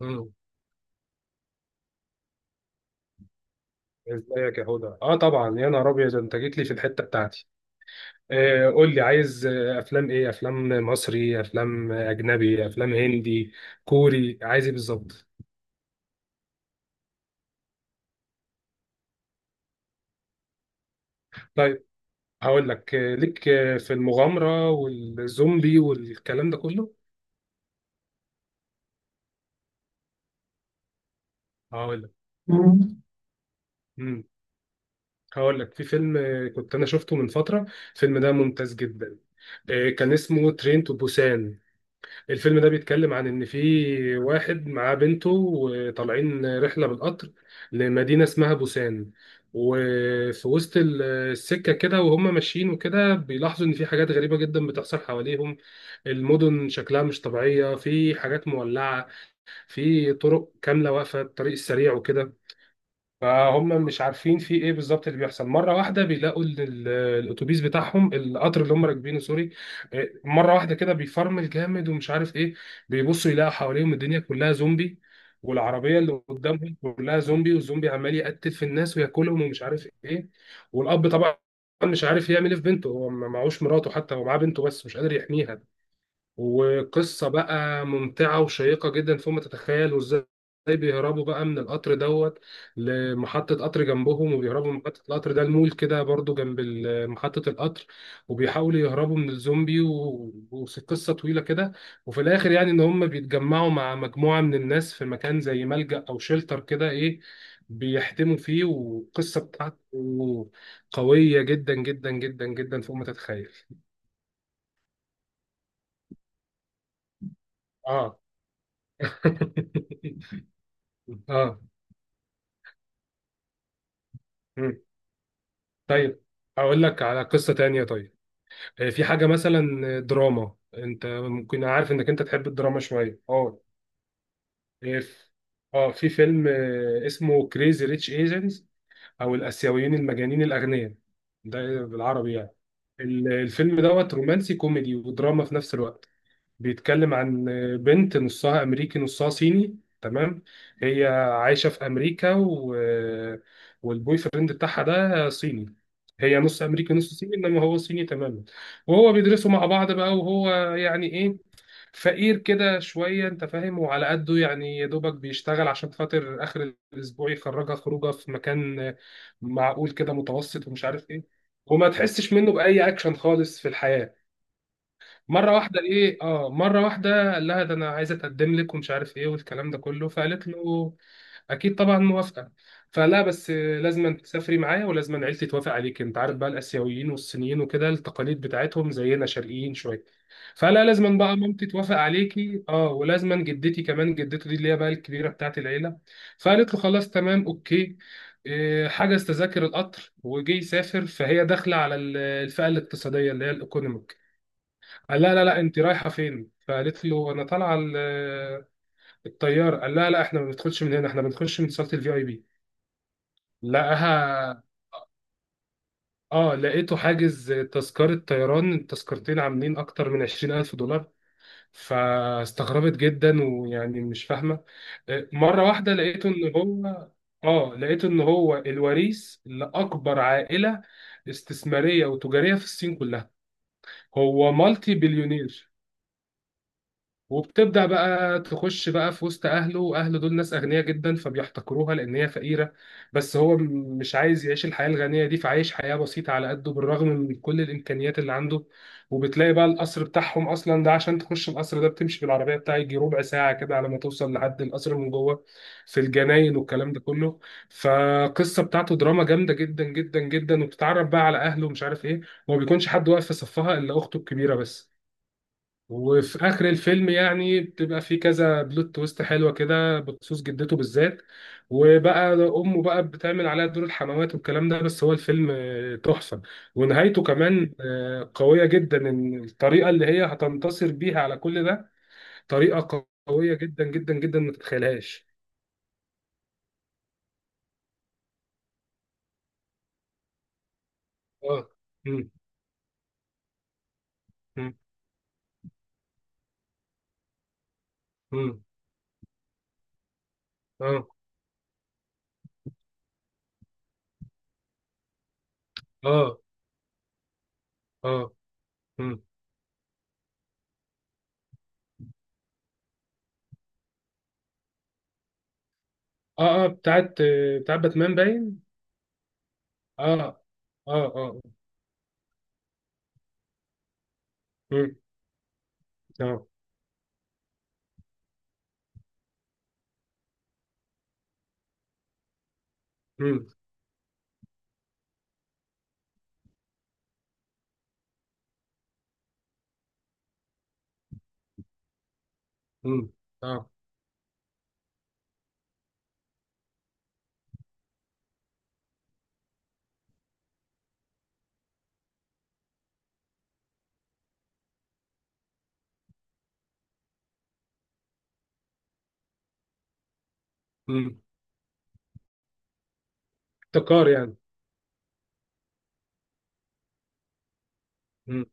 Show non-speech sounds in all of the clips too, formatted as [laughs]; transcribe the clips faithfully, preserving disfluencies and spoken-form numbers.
مم. ازيك يا هدى؟ اه طبعا، يا نهار ابيض انت جيت لي في الحته بتاعتي. آه، قول لي، عايز آه، افلام ايه؟ افلام مصري، افلام اجنبي، افلام هندي، كوري؟ عايز ايه بالظبط؟ طيب، هقول لك، آه، ليك آه، في المغامره والزومبي والكلام ده كله. هقول لك. مم. مم. هقول لك في فيلم، آه، كنت انا شفته من فتره. الفيلم ده ممتاز جدا. آه، كان اسمه ترين تو بوسان. الفيلم ده بيتكلم عن ان في واحد معاه بنته وطالعين رحله بالقطر لمدينه اسمها بوسان. وفي وسط ال- السكه كده وهم ماشيين وكده، بيلاحظوا ان في حاجات غريبه جدا بتحصل حواليهم. المدن شكلها مش طبيعيه، في حاجات مولعه، في طرق كامله واقفه، الطريق السريع وكده. فهم مش عارفين في ايه بالظبط اللي بيحصل. مره واحده بيلاقوا ال- ال- الاتوبيس بتاعهم، القطر اللي هم راكبينه، سوري، آه، مره واحده كده بيفرمل جامد ومش عارف ايه. بيبصوا يلاقوا حواليهم الدنيا كلها زومبي، والعربيه اللي قدامهم كلها زومبي، والزومبي عمال يقتل في الناس وياكلهم ومش عارف ايه. والاب طبعا مش عارف يعمل ايه في بنته، هو ما معهوش مراته، حتى هو معاه بنته بس مش قادر يحميها. وقصة بقى ممتعة وشيقة جدا فوق ما تتخيل، وازاي بيهربوا بقى من القطر دوت لمحطة قطر جنبهم، وبيهربوا من محطة القطر ده، المول كده برضو جنب ال- آه، محطة القطر، وبيحاولوا يهربوا من الزومبي و- وقصة طويلة كده. وفي الآخر يعني إن هم بيتجمعوا مع مجموعة من الناس في مكان زي ملجأ أو شيلتر كده، إيه، بيحتموا فيه. والقصة بتاعته قوية جدا جدا جدا جدا فوق ما تتخيل. اه. [laughs] اه. مم. طيب، اقول لك على قصة تانية. طيب، آه، في حاجة مثلا دراما، انت ممكن عارف انك انت تحب الدراما شوية. اه. آه، ف- اه، في فيلم آه، اسمه كريزي ريتش ايجنز، او الاسيويين المجانين الاغنياء، ده بالعربي يعني. ال- الفيلم دوت رومانسي كوميدي ودراما في نفس الوقت. بيتكلم عن بنت نصها امريكي نصها صيني، تمام؟ هي عايشه في امريكا، و... والبوي فريند بتاعها ده صيني. هي نص امريكي نص صيني، انما هو صيني تماما. وهو بيدرسوا مع بعض بقى، وهو يعني ايه، فقير كده شويه انت فاهم، وعلى قده يعني يا دوبك بيشتغل عشان خاطر اخر الاسبوع يخرجها خروجه في مكان معقول كده، متوسط ومش عارف ايه. وما تحسش منه باي اكشن خالص في الحياه. مره واحده ايه اه، مره واحده قال لها ده انا عايزه اتقدم لك ومش عارف ايه والكلام ده كله. فقالت له اكيد طبعا موافقه. فلا، بس لازم تسافري معايا، ولازم عيلتي توافق عليك. انت عارف بقى الاسيويين والصينيين وكده، التقاليد بتاعتهم زينا، شرقيين شويه. فلا لازم بقى مامتي توافق عليكي، اه، ولازم جدتي كمان، جدته دي اللي هي بقى الكبيره بتاعت العيله. فقالت له خلاص تمام اوكي. إيه، حجز تذاكر القطر وجي يسافر. فهي داخله على ال- الفئه الاقتصاديه اللي هي الايكونوميك. قال لا لا لا، انت رايحه فين؟ فقالت له انا طالعه ال- الطياره. قال لا لا، احنا ما بندخلش من هنا، احنا بنخش من صاله الفي اي بي. لقاها، اه لقيته حاجز تذكره طيران، التذكرتين عاملين اكتر من عشرين ألف دولار. فاستغربت جدا ويعني مش فاهمه. آه، مره واحده لقيته ان هو، اه لقيته ان هو الوريث لاكبر عائله استثماريه وتجاريه في الصين كلها، هو مالتي بليونير. وبتبدأ بقى تخش بقى في وسط أهله، أهله دول ناس أغنياء جدا فبيحتقروها لأن هي فقيرة، بس هو م- مش عايز يعيش الحياة الغنية دي، فعايش حياة بسيطة على قده بالرغم من كل الإمكانيات اللي عنده. وبتلاقي بقى القصر بتاعهم أصلا ده، عشان تخش القصر ده بتمشي بالعربية بتاعي يجي ربع ساعة كده على ما توصل لحد القصر من جوه، في الجناين والكلام ده كله. فقصة بتاعته دراما جامدة جدا جدا جدا، وبتتعرف بقى على أهله ومش عارف إيه. وما بيكونش حد واقف في صفها إلا أخته الكبيرة بس. وفي اخر الفيلم يعني بتبقى في كذا بلوت تويست حلوه كده بخصوص جدته بالذات. وبقى امه بقى بتعمل عليها دور الحموات والكلام ده. بس هو الفيلم آه، تحفه. ونهايته كمان آه، قويه جدا، ان الطريقه اللي هي هتنتصر بيها على كل ده، طريقه قويه جدا جدا جدا ما تتخيلهاش. اه. مم. مم. مم. اه اه اه. مم. اه اه، بتاعت آه، بتاعت باتمان باين. اه اه اه. مم. اه. مم. امم. اه. امم. ابتكار يعني. امم.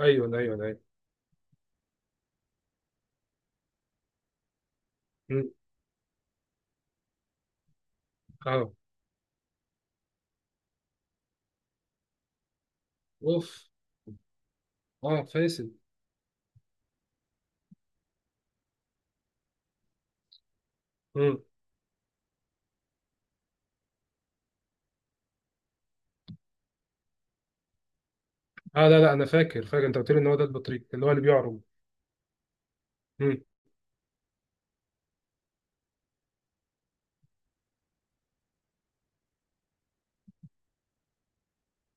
ايوه ايوه ايوه. امم. اه. اوف. اه، فاسد. امم. اه. لا لا، انا فاكر فاكر، انت قلت لي ان هو ده البطريق اللي هو اللي بيعرج. امم.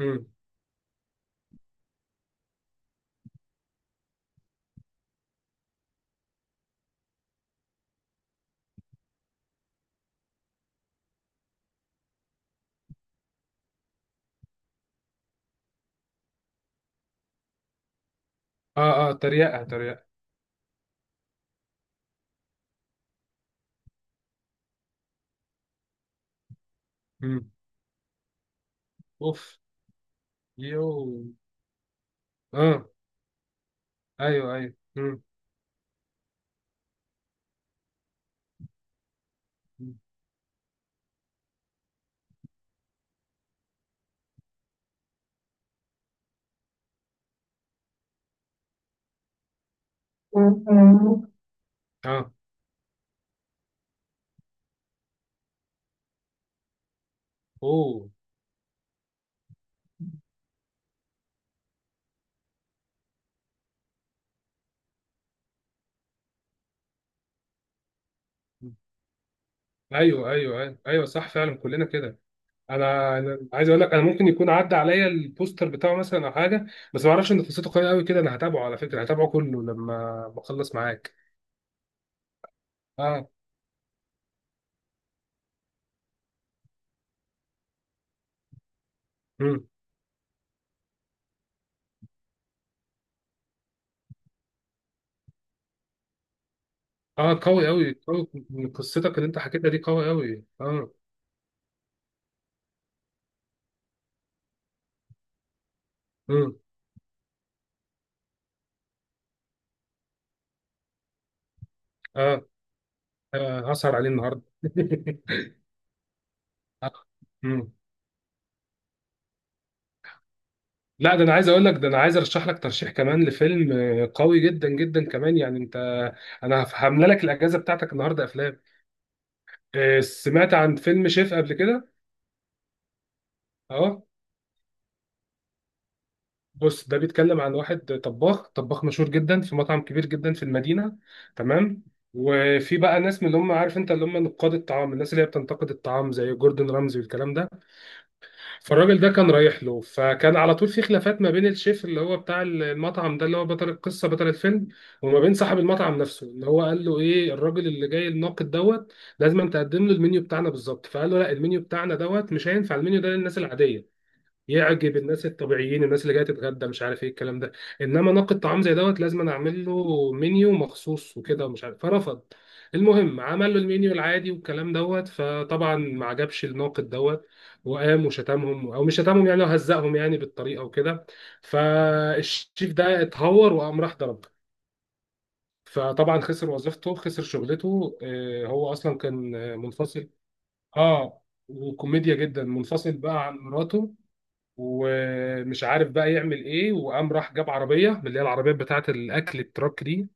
امم. اه اه، تريقه تريقه. امم. اوف. يو. اه. ايوه ايوه. امم. اه. اوه. ايوه ايوه ايوه ايوه صح فعلا كلنا كده. انا أنا عايز اقول لك، انا ممكن يكون عدى عليا البوستر بتاعه مثلا او حاجه، بس ما اعرفش ان قصته قويه قوي كده. انا هتابعه على فكره، هتابعه كله لما بخلص معاك. اه. امم. اه، قوي قوي قوي، من قصتك اللي انت حكيتها دي، قوي قوي. اه. امم. اه. آه، هسهر عليه النهارده. [laughs] آه. مم. لا، ده انا عايز اقول لك، ده انا عايز ارشح لك ترشيح كمان لفيلم آه، قوي جدا جدا كمان، يعني انت، انا هف- هملى لك الاجازه بتاعتك النهارده افلام. آه، سمعت عن فيلم شيف قبل كده؟ اه. بص، ده بيتكلم عن واحد طباخ، طباخ مشهور جدا في مطعم كبير جدا في المدينة، تمام؟ وفي بقى ناس من اللي هم، عارف انت، اللي هم نقاد الطعام، الناس اللي هي بتنتقد الطعام، زي جوردن رامزي والكلام ده. فالراجل ده كان رايح له، فكان على طول في خلافات ما بين الشيف اللي هو بتاع المطعم ده، اللي هو بطل القصة بطل الفيلم، وما بين صاحب المطعم نفسه اللي هو قال له ايه، الراجل اللي جاي الناقد دوت لازم تقدم له المنيو بتاعنا بالظبط. فقال له لا، المنيو بتاعنا دوت مش هينفع، المنيو ده للناس العادية يعجب الناس الطبيعيين، الناس اللي جايه تتغدى مش عارف ايه الكلام ده، انما ناقد طعام زي دوت لازم أنا اعمل له منيو مخصوص وكده ومش عارف. فرفض. المهم، عمل له المنيو العادي والكلام دوت، فطبعا ما عجبش الناقد دوت. وقام وشتمهم، او مش شتمهم يعني، هو هزقهم يعني بالطريقه وكده. فالشيف ده اتهور وقام راح ضرب. فطبعا خسر وظيفته خسر شغلته. آه، هو اصلا كان آه، منفصل. اه، وكوميديا جدا. منفصل بقى عن مراته، ومش عارف بقى يعمل ايه، وقام راح جاب عربيه من اللي هي العربيات بتاعه الاكل، التراك دي.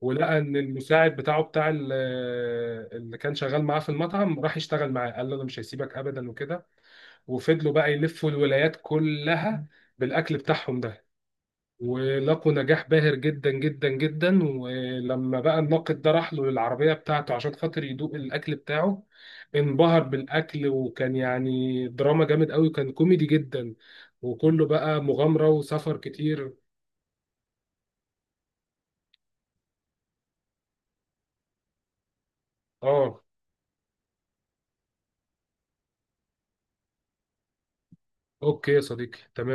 ولقى ان المساعد بتاعه بتاع ال- اللي كان شغال معاه في المطعم راح يشتغل معاه، قال له انا مش هسيبك ابدا وكده. وفضلوا بقى يلفوا الولايات كلها بالاكل بتاعهم ده. ولقوا نجاح باهر جدا جدا جدا. ولما بقى الناقد ده راح له للعربية بتاعته عشان خاطر يدوق الأكل بتاعه، انبهر بالأكل. وكان يعني دراما جامد قوي، كان كوميدي جدا، وكله بقى مغامرة وسفر كتير. اه. اوكي يا صديقي، تمام.